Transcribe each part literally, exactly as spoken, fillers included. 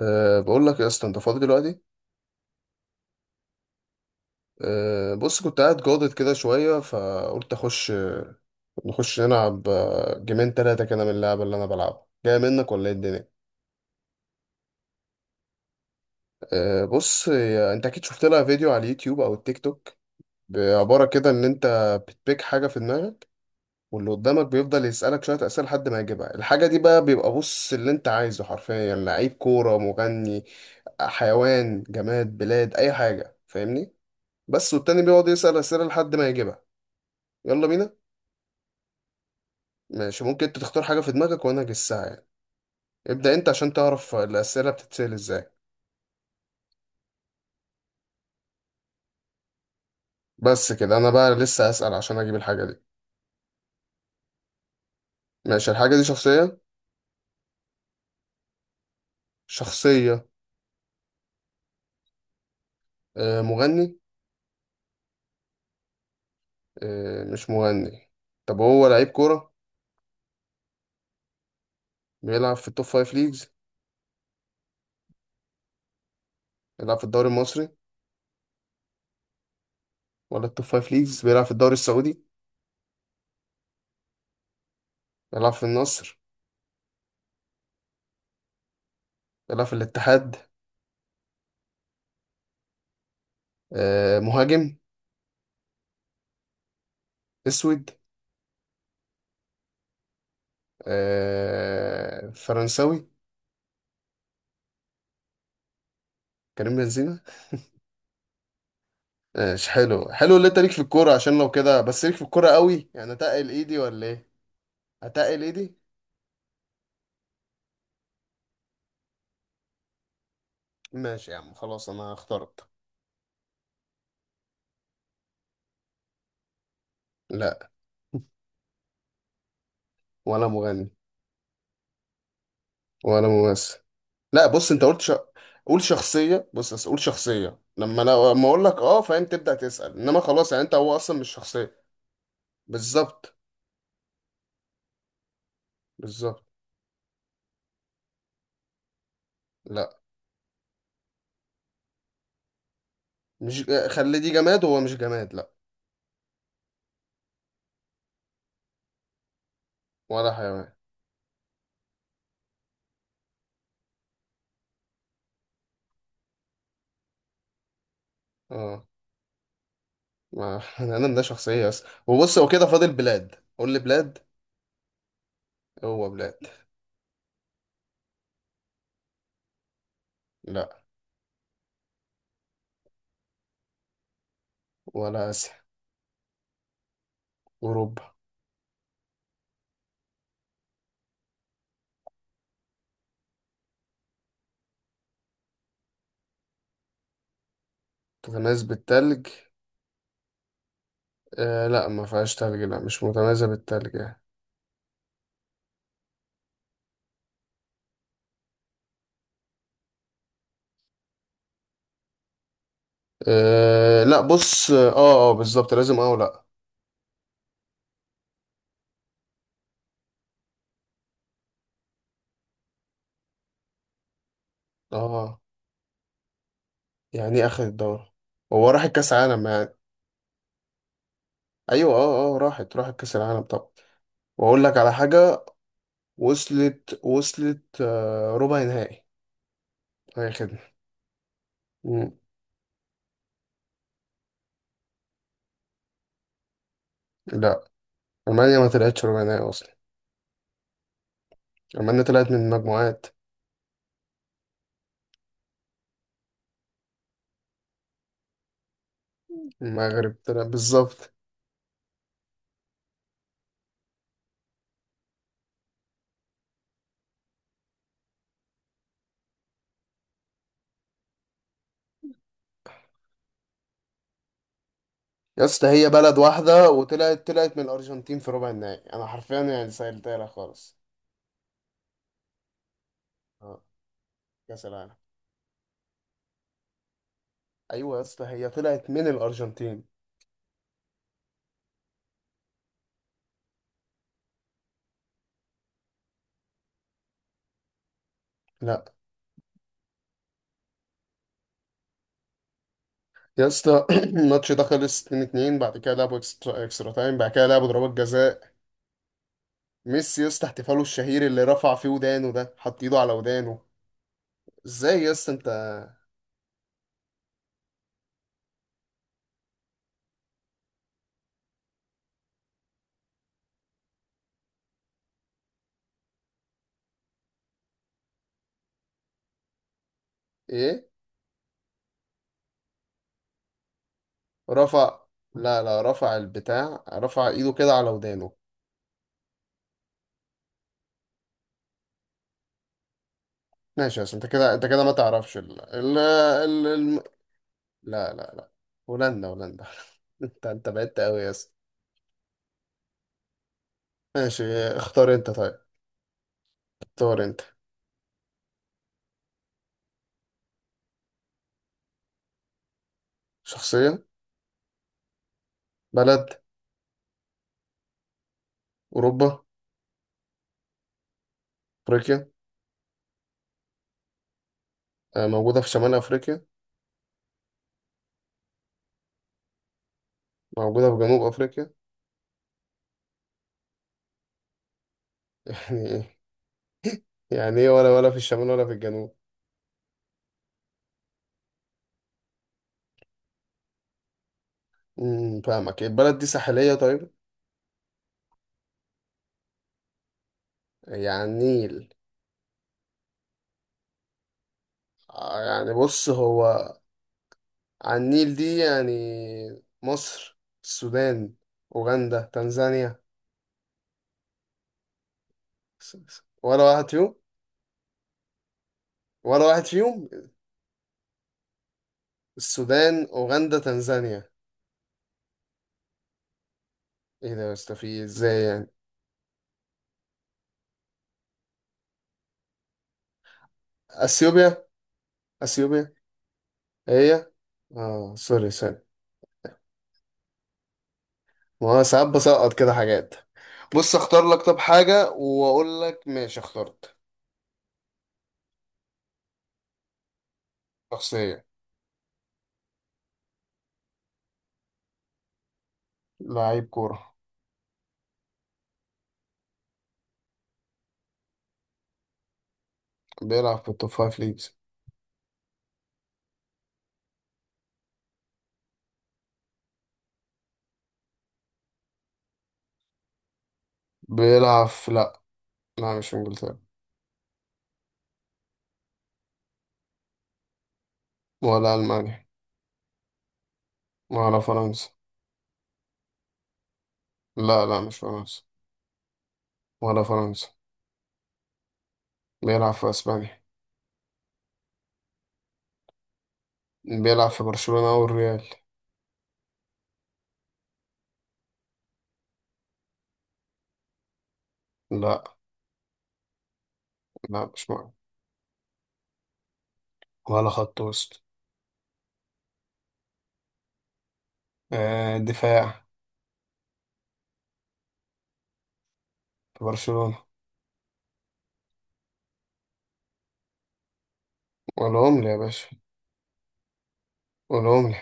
أه بقول لك يا اسطى انت فاضي دلوقتي؟ أه بص كنت قاعد جاضد كده شويه فقلت اخش نخش نلعب. آه، جيمين تلاتة كده من اللعبه اللي انا بلعبها جاي منك ولا ايه الدنيا؟ أه بص هي- انت اكيد شفت لها فيديو على اليوتيوب او التيك توك، بعباره كده ان انت بتبيك حاجه في دماغك، واللي قدامك بيفضل يسالك شويه اسئله لحد ما يجيبها الحاجه دي، بقى بيبقى بص اللي انت عايزه حرفيا، يعني لعيب كوره، مغني، حيوان، جماد، بلاد، اي حاجه، فاهمني؟ بس والتاني بيقعد يسال اسئله لحد ما يجيبها. يلا بينا. ماشي، ممكن انت تختار حاجة في دماغك وانا اجسها يعني. ابدأ انت عشان تعرف الأسئلة بتتسأل ازاي. بس كده انا بقى لسه أسأل عشان اجيب الحاجة دي. ماشي، الحاجة دي شخصية؟ شخصية. آه، مغني؟ آه، مش مغني؟ طب هو لعيب كورة؟ بيلعب في التوب فايف ليجز؟ بيلعب في الدوري المصري؟ ولا التوب فايف ليجز، بيلعب في الدوري السعودي؟ بيلعب في النصر؟ بيلعب في الاتحاد؟ آه، مهاجم؟ اسود؟ آه، فرنساوي؟ كريم بنزيما؟ ماشي، حلو حلو، اللي انت ليك في الكورة، عشان لو كده، بس ليك في الكورة قوي يعني، اتقل ايدي ولا ايه؟ اتقل ايدي. ماشي يا عم، خلاص انا اخترت. لا. ولا مغني. ولا ممثل. لا بص، انت قلت ش... قول شخصية، بص بس قول شخصية، لما انا لما اقول لك اه فاهم تبدأ تسأل، انما خلاص يعني انت، هو اصلا مش شخصية. بالظبط. بالظبط. لا، مش خلي دي جماد، هو مش جماد لا. ولا حيوان. اه، ما انا ده شخصية اصلا، وبص هو كده فاضل بلاد، قول لي بلاد. هو بلاد. لا، ولا آسيا. أوروبا. متميز بالتلج؟ آه لا ما فيهاش تلج، لا مش متميزة بالتلج يعني. آه لا، بص اه. اه بالظبط، لازم اه ولا. اه، آه، يعني اخد الدورة. هو راحت كأس عالم يعني؟ ايوه، اه اه، راحت راحت كأس العالم طبعا. واقول لك على حاجة. وصلت وصلت آه ربع نهائي. اي خدمة. مم. لا، المانيا ما طلعتش ربع نهائي اصلا، المانيا طلعت من المجموعات. المغرب طلع بالظبط. يا اسطى، هي بلد واحدة، وطلعت طلعت من الأرجنتين في ربع النهائي، أنا حرفيا يعني سهلتها لك خالص. اه، كأس العالم. أيوة يا اسطى، هي طلعت من الأرجنتين. لا. يا اسطى الماتش ده خلص اتنين اتنين، بعد كده لعبوا اكسترا, اكسترا تايم، بعد كده لعبوا ضربات جزاء. ميسي يا اسطى، احتفاله الشهير اللي رفع فيه ودانه، ده حط ايده على ودانه. ازاي يا اسطى انت؟ ايه؟ رفع. لا لا، رفع البتاع، رفع ايده كده على ودانه. ماشي يا اسطى، انت كده انت كده ما تعرفش ال... ال... ال... لا لا لا، هولندا هولندا. انت انت بعدت قوي يا اسطى. ماشي. اختار انت طيب. اختار انت. شخصية؟ بلد؟ أوروبا؟ أفريقيا؟ آه، موجودة في شمال أفريقيا؟ موجودة في جنوب أفريقيا؟ يعني ايه؟ يعني ايه، ولا ولا في الشمال ولا في الجنوب؟ امم فاهمك، البلد دي ساحلية طيب؟ يعني على النيل؟ آه، يعني بص، هو على النيل دي يعني. مصر؟ السودان؟ أوغندا؟ تنزانيا؟ س- س- ولا واحد فيهم؟ ولا واحد فيهم. السودان، أوغندا، تنزانيا. ايه ده يا اسطى، في إيه؟ ازاي يعني؟ اثيوبيا. اثيوبيا. إيه هي؟ اه، سوري سوري. ما هو ساعات بسقط كده حاجات. بص اختار لك طب حاجة واقول لك ماشي اخترت. شخصية. لعيب كورة. بيلعب في التوب فايف ليجز. بيلعب في؟ لا، لا مش في انجلترا. ولا المانيا. ولا فرنسا. لا لا مش فرنسا. ولا فرنسا. بيلعب في اسبانيا. بيلعب في برشلونة او الريال. لا لا مش معاه. ولا خط وسط. آه دفاع في برشلونة. قولهم لي يا باشا. قولهم لي.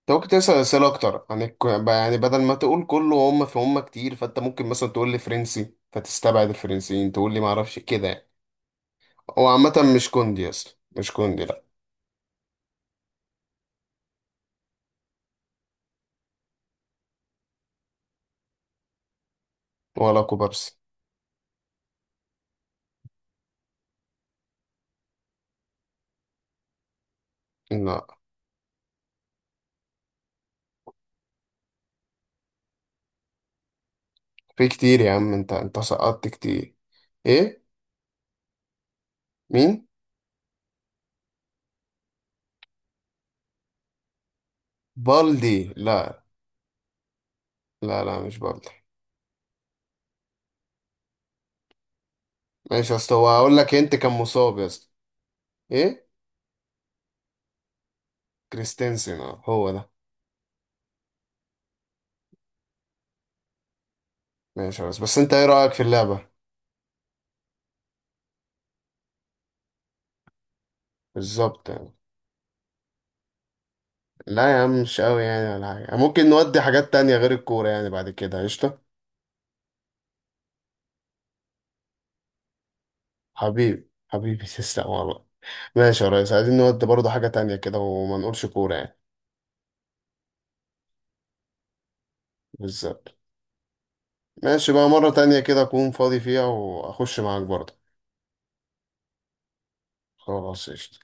انت ممكن تسأل أسئلة أكتر عن الك... يعني بدل ما تقول كله، هم في هم كتير، فأنت ممكن مثلا تقول لي فرنسي فتستبعد الفرنسيين، تقول لي معرفش كده يعني. هو عامة مش كوندي أصلا، مش كوندي لأ. ولا كوبارسي. لا، في كتير يا عم، أنت أنت سقطت كتير. إيه؟ مين؟ بالدي لا. لا لا مش بالدي. ماشي يا اسطى، هو هقول لك أنت، كان مصاب يا اسطى. إيه؟ كريستنسن اه هو ده. ماشي، بس بس أنت إيه رأيك في اللعبة؟ بالظبط يعني. لا يا عم، مش قوي يعني ولا حاجة، ممكن نودي حاجات تانية غير الكورة يعني، بعد كده قشطة. حبيبي حبيبي تسلم والله. ماشي يا ريس، عايزين نودي برضه حاجة تانية كده وما نقولش كورة يعني. بالظبط. ماشي، بقى مرة تانية كده أكون فاضي فيها وأخش معاك برضه. خلاص قشطة.